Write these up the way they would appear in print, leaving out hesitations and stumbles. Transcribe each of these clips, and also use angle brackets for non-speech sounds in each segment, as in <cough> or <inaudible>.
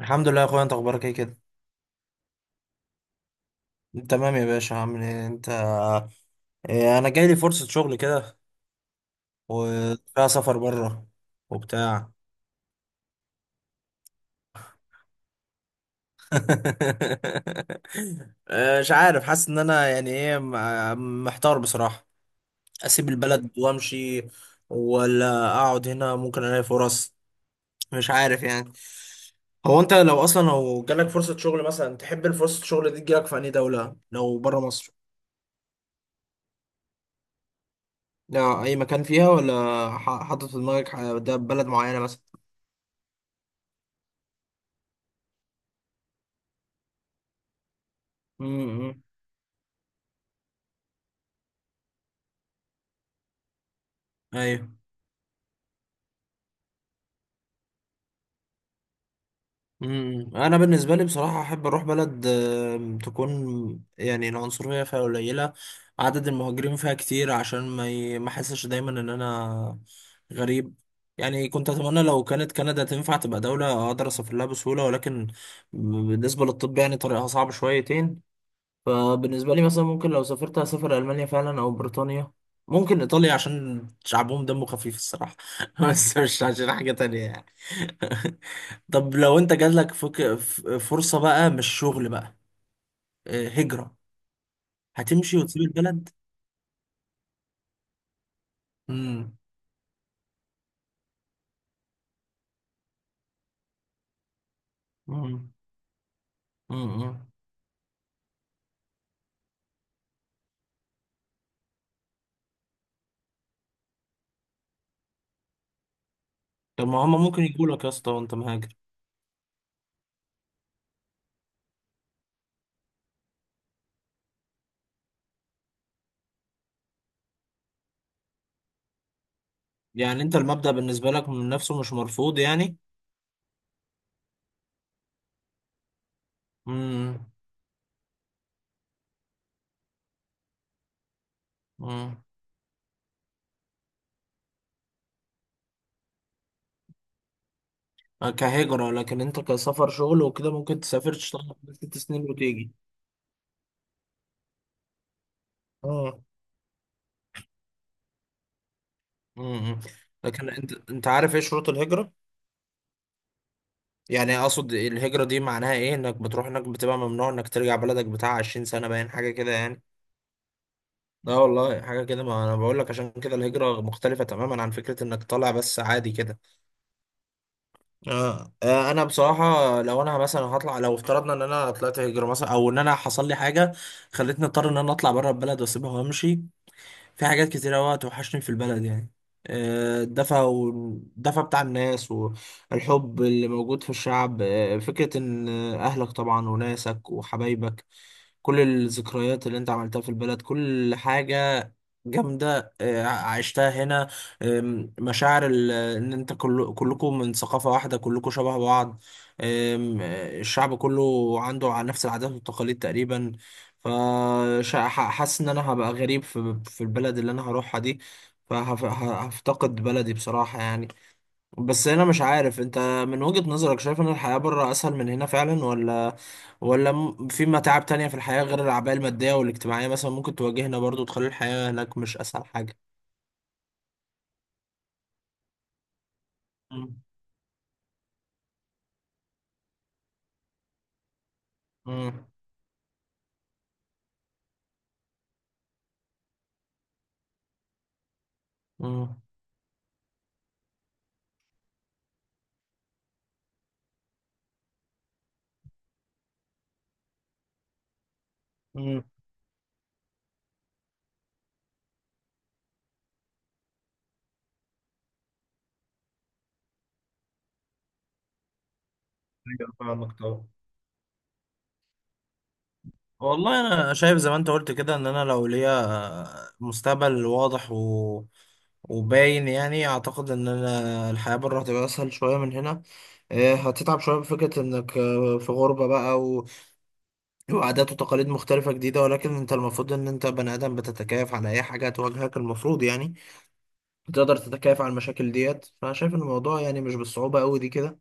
الحمد لله يا اخويا، انت اخبارك ايه كده؟ تمام يا باشا، عامل ايه انت؟ إيه، انا جاي لي فرصة شغل كده، وفيها سفر بره وبتاع <laughs> مش عارف، حاسس ان انا يعني ايه، محتار بصراحة. اسيب البلد وامشي ولا اقعد هنا ممكن الاقي فرص؟ مش عارف يعني. هو انت لو اصلا لو جالك فرصة شغل مثلا، تحب الفرصة الشغل دي تجيلك في اي دولة لو بره مصر؟ لا، اي مكان فيها، ولا حاطط في دماغك ده بلد معينة مثلا؟ امم. ايوه. امم. انا بالنسبه لي بصراحه احب اروح بلد تكون، يعني، العنصريه فيها قليله، عدد المهاجرين فيها كتير، عشان ما احسش دايما ان انا غريب. يعني كنت اتمنى لو كانت كندا تنفع تبقى دوله اقدر اسافر لها بسهوله، ولكن بالنسبه للطب يعني طريقها صعب شويتين. فبالنسبه لي مثلا ممكن لو سافرت اسافر المانيا فعلا او بريطانيا، ممكن ايطاليا عشان شعبهم دمه خفيف الصراحه <laughs> بس مش عشان حاجه تانية يعني. <laughs> طب لو انت جاتلك فرصة بقى، مش شغل بقى، هجرة، هتمشي وتسيب البلد؟ امم. امم. امم. طب ما هما ممكن يقولوا لك يا اسطى وانت مهاجر. يعني انت المبدأ بالنسبة لك من نفسه مش مرفوض يعني. امم. امم. كهجرة، لكن انت كسفر شغل وكده ممكن تسافر تشتغل 5 6 سنين وتيجي. اه. امم. لكن انت عارف ايه شروط الهجرة؟ يعني اقصد الهجرة دي، معناها ايه انك بتروح هناك بتبقى ممنوع انك ترجع بلدك بتاع 20 سنة، باين حاجة كده يعني. لا والله، حاجة كده. ما أنا بقول لك، عشان كده الهجرة مختلفة تماما عن فكرة إنك طالع بس عادي كده. أنا بصراحة لو أنا مثلا هطلع، لو افترضنا إن أنا طلعت هجرة مثلا، أو إن أنا حصل لي حاجة خلتني أضطر إن أنا أطلع بره البلد وأسيبها وأمشي، في حاجات كتير أوي هتوحشني في البلد يعني. الدفى، والدفى بتاع الناس، والحب اللي موجود في الشعب، فكرة إن أهلك طبعا وناسك وحبايبك، كل الذكريات اللي أنت عملتها في البلد، كل حاجة جامدة عشتها هنا. آم، مشاعر ان انت كل كلكم من ثقافة واحدة، كلكم شبه بعض. آم، آه، الشعب كله عنده على نفس العادات والتقاليد تقريبا. فحاسس ان انا هبقى غريب في البلد اللي انا هروحها دي. فهفتقد بلدي بصراحة يعني. بس هنا مش عارف انت، من وجهة نظرك شايف ان الحياة بره اسهل من هنا فعلا، ولا، ولا في متاعب تانية في الحياة غير الأعباء المادية والاجتماعية مثلا ممكن تواجهنا برضو تخلي الحياة هناك مش اسهل حاجة؟ مم. مم. مم. مم. ايوه، فاهمك طبعا. والله انا شايف زي ما انت قلت كده، ان انا لو ليا مستقبل واضح و... وباين يعني، اعتقد ان انا الحياة بره هتبقى اسهل شوية من هنا. هتتعب شوية بفكرة انك في غربة بقى، وعادات وتقاليد مختلفة جديدة، ولكن انت المفروض ان انت بني ادم بتتكيف على اي حاجة هتواجهك المفروض يعني. بتقدر تتكيف على المشاكل ديت، فانا شايف ان الموضوع يعني مش بالصعوبة قوي دي كده.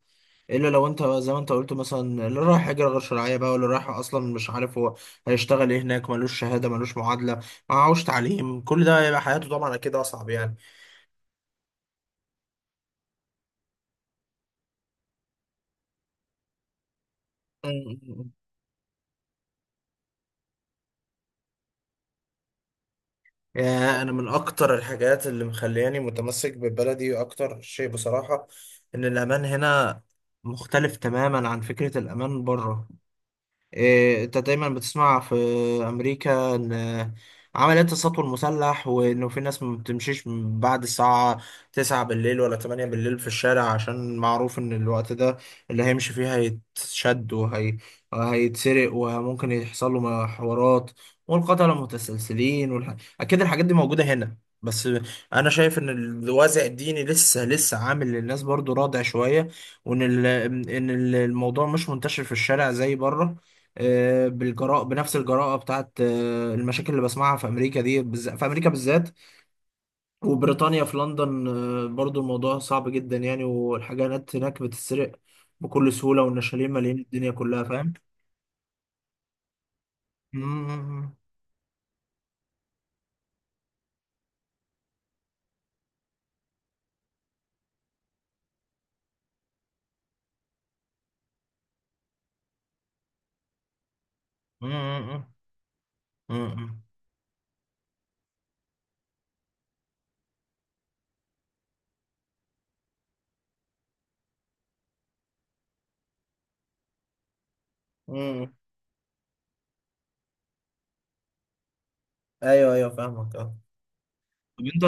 الا لو انت زي ما انت قلت مثلا، اللي رايح هجرة غير شرعية بقى، واللي رايح اصلا مش عارف هو هيشتغل ايه هناك، ملوش شهادة، ملوش معادلة، معهوش تعليم، كل ده هيبقى حياته طبعا اكيد اصعب يعني. <laughs> يا انا من اكتر الحاجات اللي مخلياني متمسك ببلدي اكتر شيء بصراحة، ان الامان هنا مختلف تماما عن فكرة الامان بره. إيه، انت دايما بتسمع في امريكا ان عمليات السطو المسلح، وانه في ناس ما بتمشيش من بعد الساعة 9 بالليل ولا 8 بالليل في الشارع، عشان معروف ان الوقت ده اللي هيمشي فيه هيتشد وهيتسرق وممكن يحصل له حوارات، والقتلة متسلسلين اكيد الحاجات دي موجودة هنا، بس انا شايف ان الوازع الديني لسه لسه عامل للناس برضو رادع شوية، وان ان الموضوع مش منتشر في الشارع زي بره. آه، بالجراءة بنفس الجراءة بتاعت المشاكل اللي بسمعها في أمريكا، دي بالذات، في أمريكا بالذات وبريطانيا، في لندن برضو الموضوع صعب جدا يعني، والحاجات هناك بتتسرق بكل سهولة، والنشالين مالين الدنيا كلها، فاهم؟ مم. مم. مم. مم. مم. مم. ايوه ايوه، فاهمك اه. طب انت،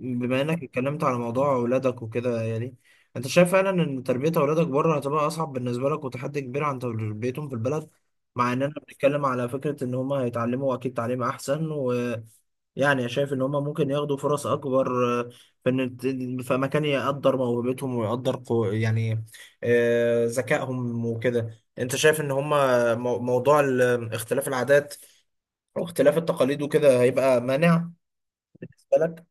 بما انك اتكلمت على موضوع اولادك وكده يعني، انت شايف فعلا ان تربية اولادك بره هتبقى اصعب بالنسبة لك وتحدي كبير عن تربيتهم في البلد؟ مع اننا بنتكلم على فكرة ان هما هيتعلموا اكيد تعليم احسن، ويعني شايف ان هما ممكن ياخدوا فرص اكبر، في ان الت- في مكان يقدر موهبتهم ويقدر يعني ذكائهم وكده، انت شايف ان هما موضوع اختلاف العادات واختلاف التقاليد وكده هيبقى مانع بالنسبة لك؟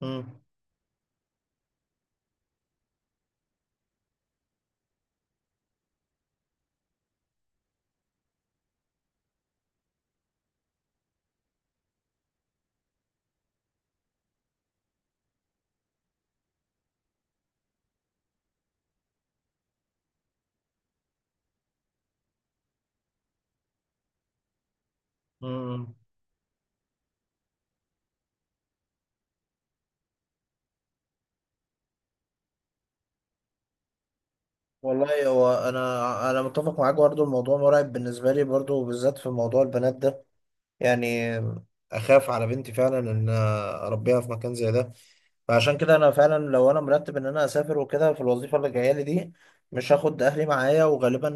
مم. مم. والله، هو انا متفق معاك برضو، الموضوع مرعب بالنسبه لي برضو، بالذات في موضوع البنات ده، يعني اخاف على بنتي فعلا ان اربيها في مكان زي ده. فعشان كده انا فعلا لو انا مرتب ان انا اسافر وكده في الوظيفه اللي جايه لي دي، مش هاخد اهلي معايا، وغالبا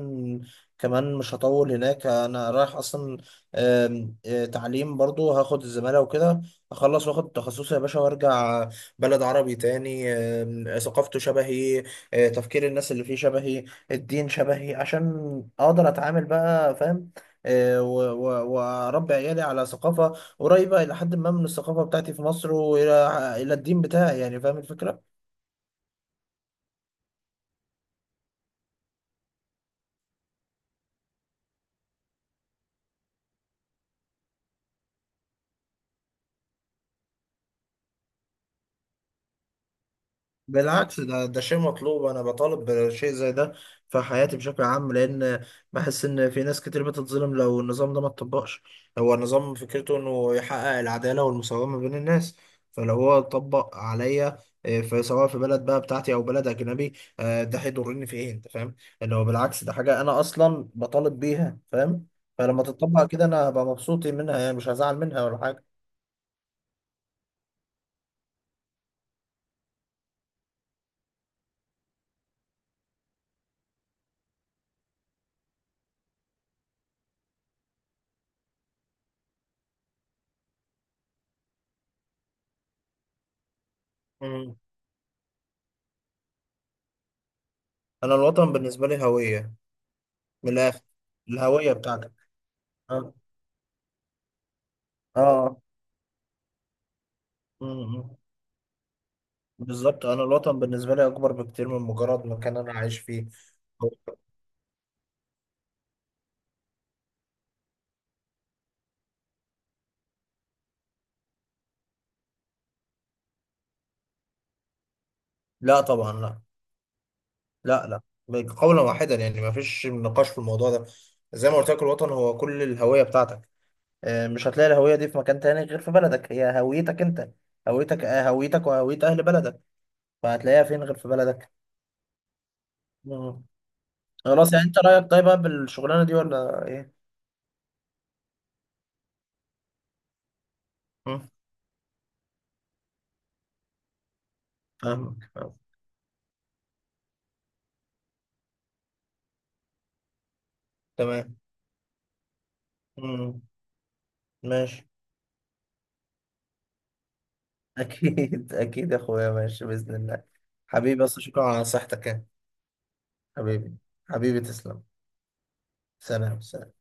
كمان مش هطول هناك، انا رايح اصلا آم، آه، تعليم، برضو هاخد الزماله وكده، اخلص واخد تخصصي يا باشا، وارجع بلد عربي تاني ثقافته شبهي، تفكير الناس اللي فيه شبهي، الدين شبهي، عشان اقدر اتعامل بقى فاهم، واربي عيالي على ثقافه قريبه الى حد ما من الثقافه بتاعتي في مصر، والى الدين بتاعي يعني، فاهم الفكره. بالعكس، ده شيء مطلوب، انا بطالب بشيء زي ده في حياتي بشكل عام، لان بحس ان في ناس كتير بتتظلم لو النظام ده ما اتطبقش. هو النظام فكرته انه يحقق العدالة والمساومة بين الناس، فلو هو اتطبق عليا، إيه، سواء في بلد بقى بتاعتي او بلد اجنبي، ده هيضرني في ايه انت فاهم؟ اللي هو بالعكس، ده حاجة انا اصلا بطالب بيها فاهم، فلما تتطبق كده انا هبقى مبسوط منها يعني، مش هزعل منها ولا حاجة. مم. انا الوطن بالنسبة لي هوية، من الاخر. الهوية بتاعتك. اه. مم. بالظبط، انا الوطن بالنسبه لي اكبر بكتير من مجرد مكان انا عايش فيه. أو- لا طبعا، لا، لا لا، قولا واحدا يعني، ما فيش نقاش في الموضوع ده. زي ما قلت لك، الوطن هو كل الهويه بتاعتك، مش هتلاقي الهويه دي في مكان تاني غير في بلدك، هي هويتك انت، هويتك هويتك وهويه اهل بلدك، فهتلاقيها فين غير في بلدك؟ مم. خلاص، يعني انت رايك طيب بقى بالشغلانه دي ولا ايه؟ مم. فاهمك فاهمك. تمام. مم. ماشي. أكيد أكيد يا أخويا، ماشي بإذن الله. حبيبي، بس شكرا على نصيحتك يعني. حبيبي. حبيبي، تسلم. سلام سلام.